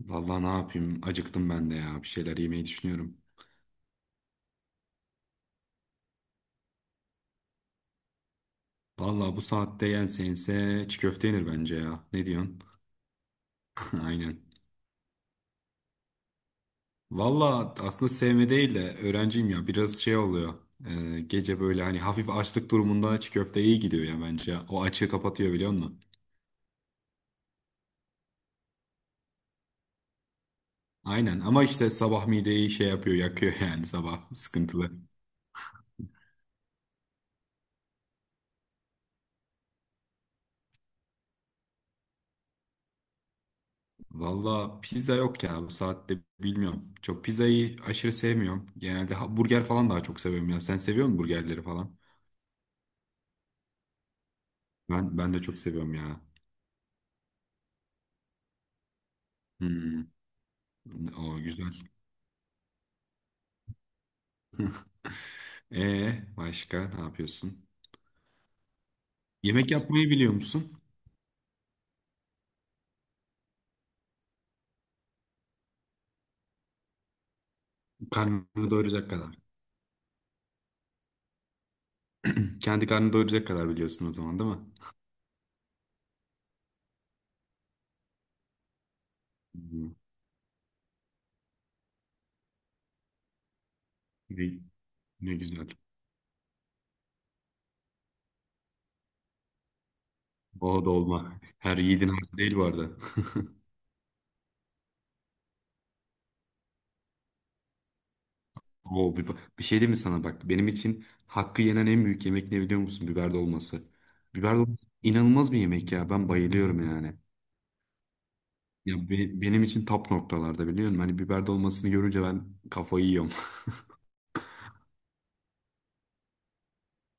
Vallahi ne yapayım? Acıktım ben de ya. Bir şeyler yemeyi düşünüyorum. Vallahi bu saatte yense yense çiğ köfte yenir bence ya. Ne diyorsun? Aynen. Vallahi aslında sevme değil de öğrenciyim ya. Biraz şey oluyor. Gece böyle hani hafif açlık durumunda çiğ köfte iyi gidiyor ya bence. O açığı kapatıyor biliyor musun? Aynen ama işte sabah mideyi şey yapıyor yakıyor yani sabah sıkıntılı. Valla pizza yok ya bu saatte bilmiyorum. Çok pizzayı aşırı sevmiyorum. Genelde burger falan daha çok seviyorum ya. Sen seviyor musun burgerleri falan? Ben de çok seviyorum ya. Hmm. O güzel. Başka ne yapıyorsun? Yemek yapmayı biliyor musun? Karnını doyuracak kadar. Kendi karnını doyuracak kadar biliyorsun o zaman değil mi? Hmm. Ne, ne güzel. O dolma. Her yiğidin hakkı değil bu arada. Oo, bir şey diyeyim mi sana bak. Benim için hakkı yenen en büyük yemek ne biliyor musun? Biber dolması. Biber dolması inanılmaz bir yemek ya. Ben bayılıyorum yani. Ya benim için top noktalarda biliyor musun? Hani biber dolmasını görünce ben kafayı yiyorum.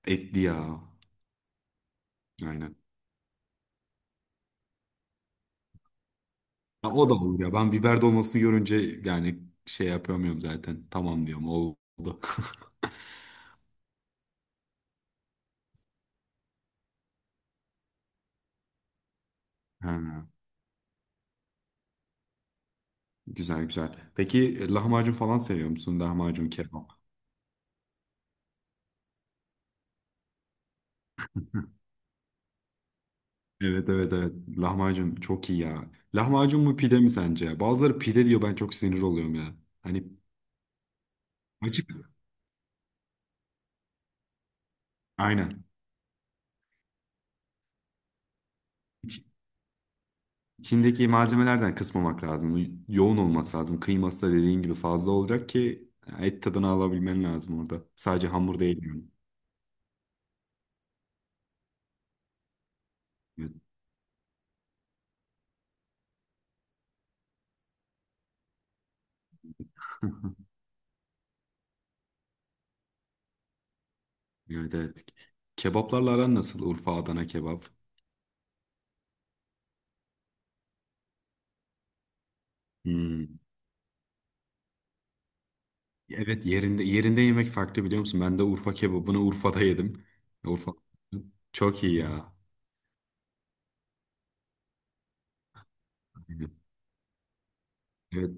Etli ya. Aynen. Ya o da olur ya. Ben biber dolmasını görünce yani şey yapamıyorum zaten. Tamam diyorum oldu. Ha, güzel güzel. Peki lahmacun falan seviyor musun? Lahmacun kebap. Hı. Evet, evet, evet. Lahmacun çok iyi ya. Lahmacun mu pide mi sence? Bazıları pide diyor, ben çok sinir oluyorum ya. Hani açık. Aynen. İçindeki malzemelerden kısmamak lazım. Yoğun olması lazım. Kıyması da dediğin gibi fazla olacak ki et tadını alabilmen lazım orada. Sadece hamur değil yani. Evet. Evet, evet. Kebaplarla aran nasıl? Urfa, Adana kebap. Hmm. Evet, yerinde yerinde yemek farklı biliyor musun? Ben de Urfa kebabını Urfa'da yedim. Urfa çok iyi ya. Evet.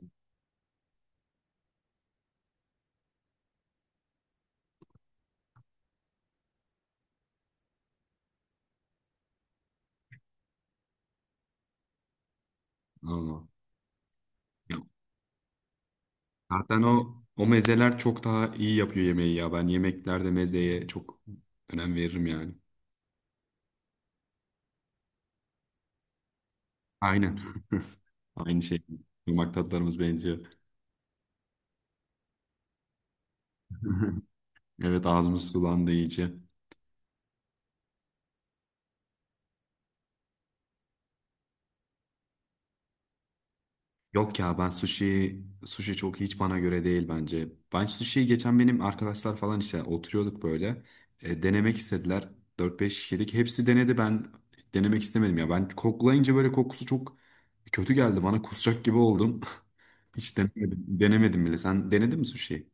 Ama. Ya, zaten o mezeler çok daha iyi yapıyor yemeği ya. Ben yemeklerde mezeye çok önem veririm yani. Aynen. Aynı şey. Yumak tatlarımız benziyor. Evet, ağzımız sulandı iyice. Yok ya, ben sushi çok hiç bana göre değil bence. Ben sushi'yi geçen benim arkadaşlar falan işte oturuyorduk böyle. Denemek istediler. Dört beş kişilik. Hepsi denedi, ben denemek istemedim ya. Ben koklayınca böyle kokusu çok kötü geldi bana. Kusacak gibi oldum. Hiç denemedim. Denemedim bile. Sen denedin mi sushi'yi?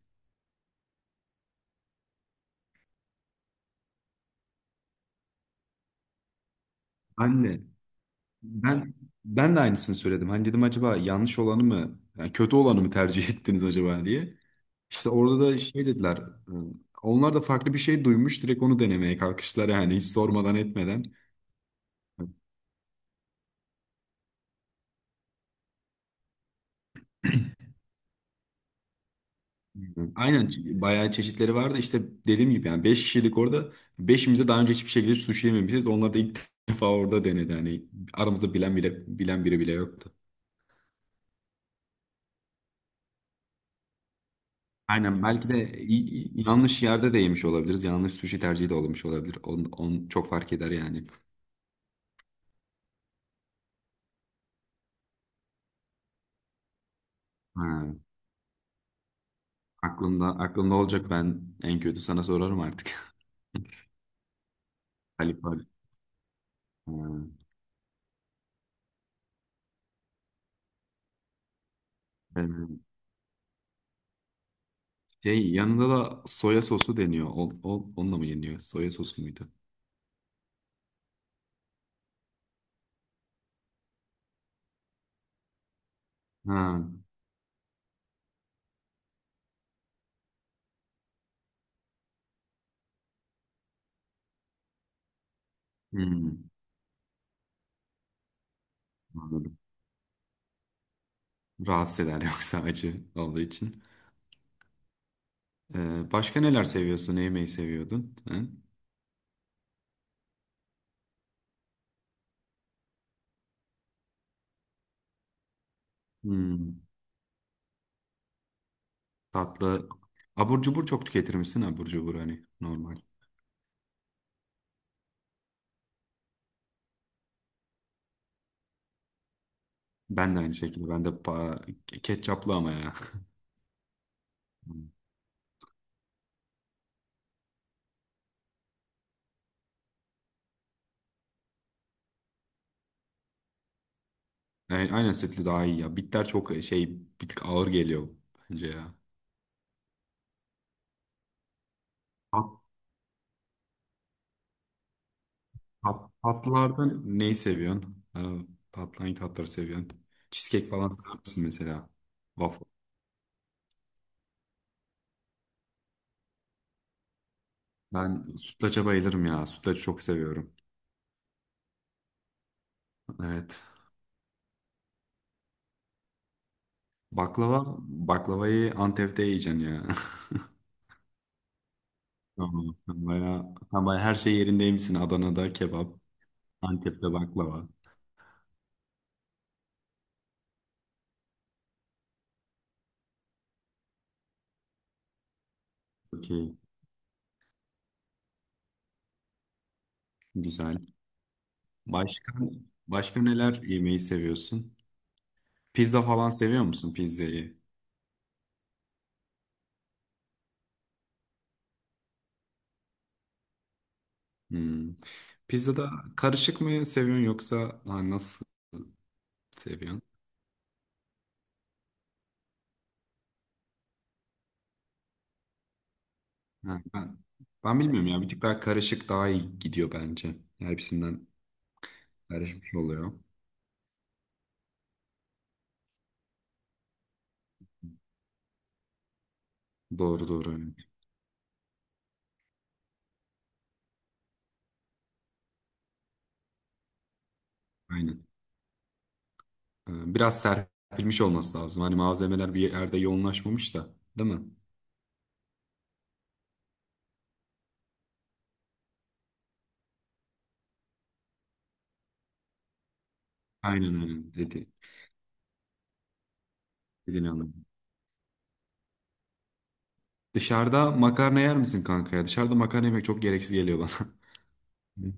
Ben de. Ben ben de aynısını söyledim. Hani dedim acaba yanlış olanı mı, yani kötü olanı mı tercih ettiniz acaba diye. İşte orada da şey dediler. Onlar da farklı bir şey duymuş, direkt onu denemeye kalkıştılar yani hiç sormadan etmeden. Aynen, bayağı çeşitleri vardı. İşte dediğim gibi yani 5 kişilik orada. Beşimize daha önce hiçbir şekilde sushi yememişiz. Onlar da ilk defa orada denedi. Hani aramızda bilen bile, bilen biri bile yoktu. Aynen, belki de yanlış yerde de yemiş olabiliriz. Yanlış sushi tercihi de olmuş olabilir. On çok fark eder yani. Ha, aklımda aklımda olacak, ben en kötü sana sorarım artık. Halifal. Ha, e, şey yanında da soya sosu deniyor. Onunla mı yeniyor? Soya sosu muydu? Ha, hmm, anladım. Rahatsız eder yoksa acı olduğu için. Başka neler seviyorsun? Ne yemeyi seviyordun? Ha? Hmm, tatlı. Abur cubur çok tüketir misin? Abur cubur hani normal. Ben de aynı şekilde. Ben de ketçaplı ama ya. Yani aynen setli daha iyi ya. Bitter çok şey, bir tık ağır geliyor bence ya. Tat, tatlılardan neyi seviyorsun? Ha, tatlı hangi tatları seviyorsun? Cheesecake falan sever misin mesela? Waffle. Ben sütlaça bayılırım ya. Sütlacı çok seviyorum. Evet. Baklava, baklavayı Antep'te yiyeceksin ya. Tamam. Sen bayağı her şey yerindeymişsin. Adana'da kebap, Antep'te baklava. Okey. Güzel. Başka, başka neler yemeyi seviyorsun? Pizza falan seviyor musun pizzayı? Hmm. Pizzada karışık mı seviyorsun yoksa ha, nasıl seviyorsun? Ha, ben bilmiyorum ya, bir tık daha karışık daha iyi gidiyor bence. Ya, hepsinden karışmış oluyor. Doğru doğru. Evet. Aynen. Biraz serpilmiş olması lazım. Hani malzemeler bir yerde yoğunlaşmamış da, değil mi? Aynen aynen dedi. Dediğini anladım. Dışarıda makarna yer misin kanka ya? Dışarıda makarna yemek çok gereksiz geliyor bana.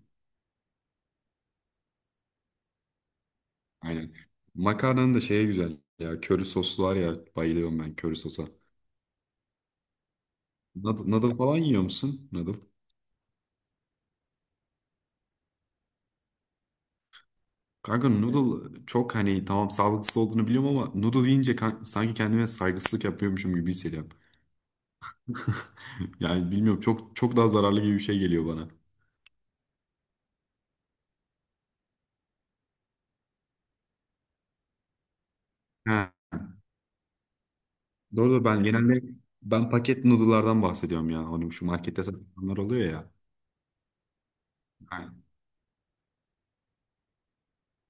Aynen. Makarnanın da şeye güzel ya. Köri soslu var ya. Bayılıyorum ben köri sosa. Noodle falan yiyor musun? Noodle. Kanka noodle çok hani, tamam sağlıksız olduğunu biliyorum ama noodle yiyince sanki kendime saygısızlık yapıyormuşum gibi hissediyorum. Yani bilmiyorum, çok çok daha zararlı gibi bir şey geliyor bana. Ha. Doğru doğru, ben paket noodle'lardan bahsediyorum ya. Hani şu markette satılanlar oluyor ya. Yani,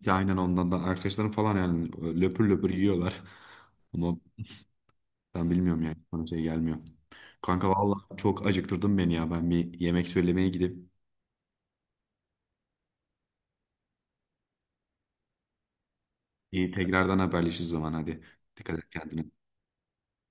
ya aynen ondan da arkadaşlarım falan yani löpür löpür yiyorlar. Ama ben bilmiyorum yani, bana şey gelmiyor. Kanka vallahi çok acıktırdın beni ya. Ben bir yemek söylemeye gidip bir tekrardan haberleşiriz zaman hadi. Dikkat et kendine.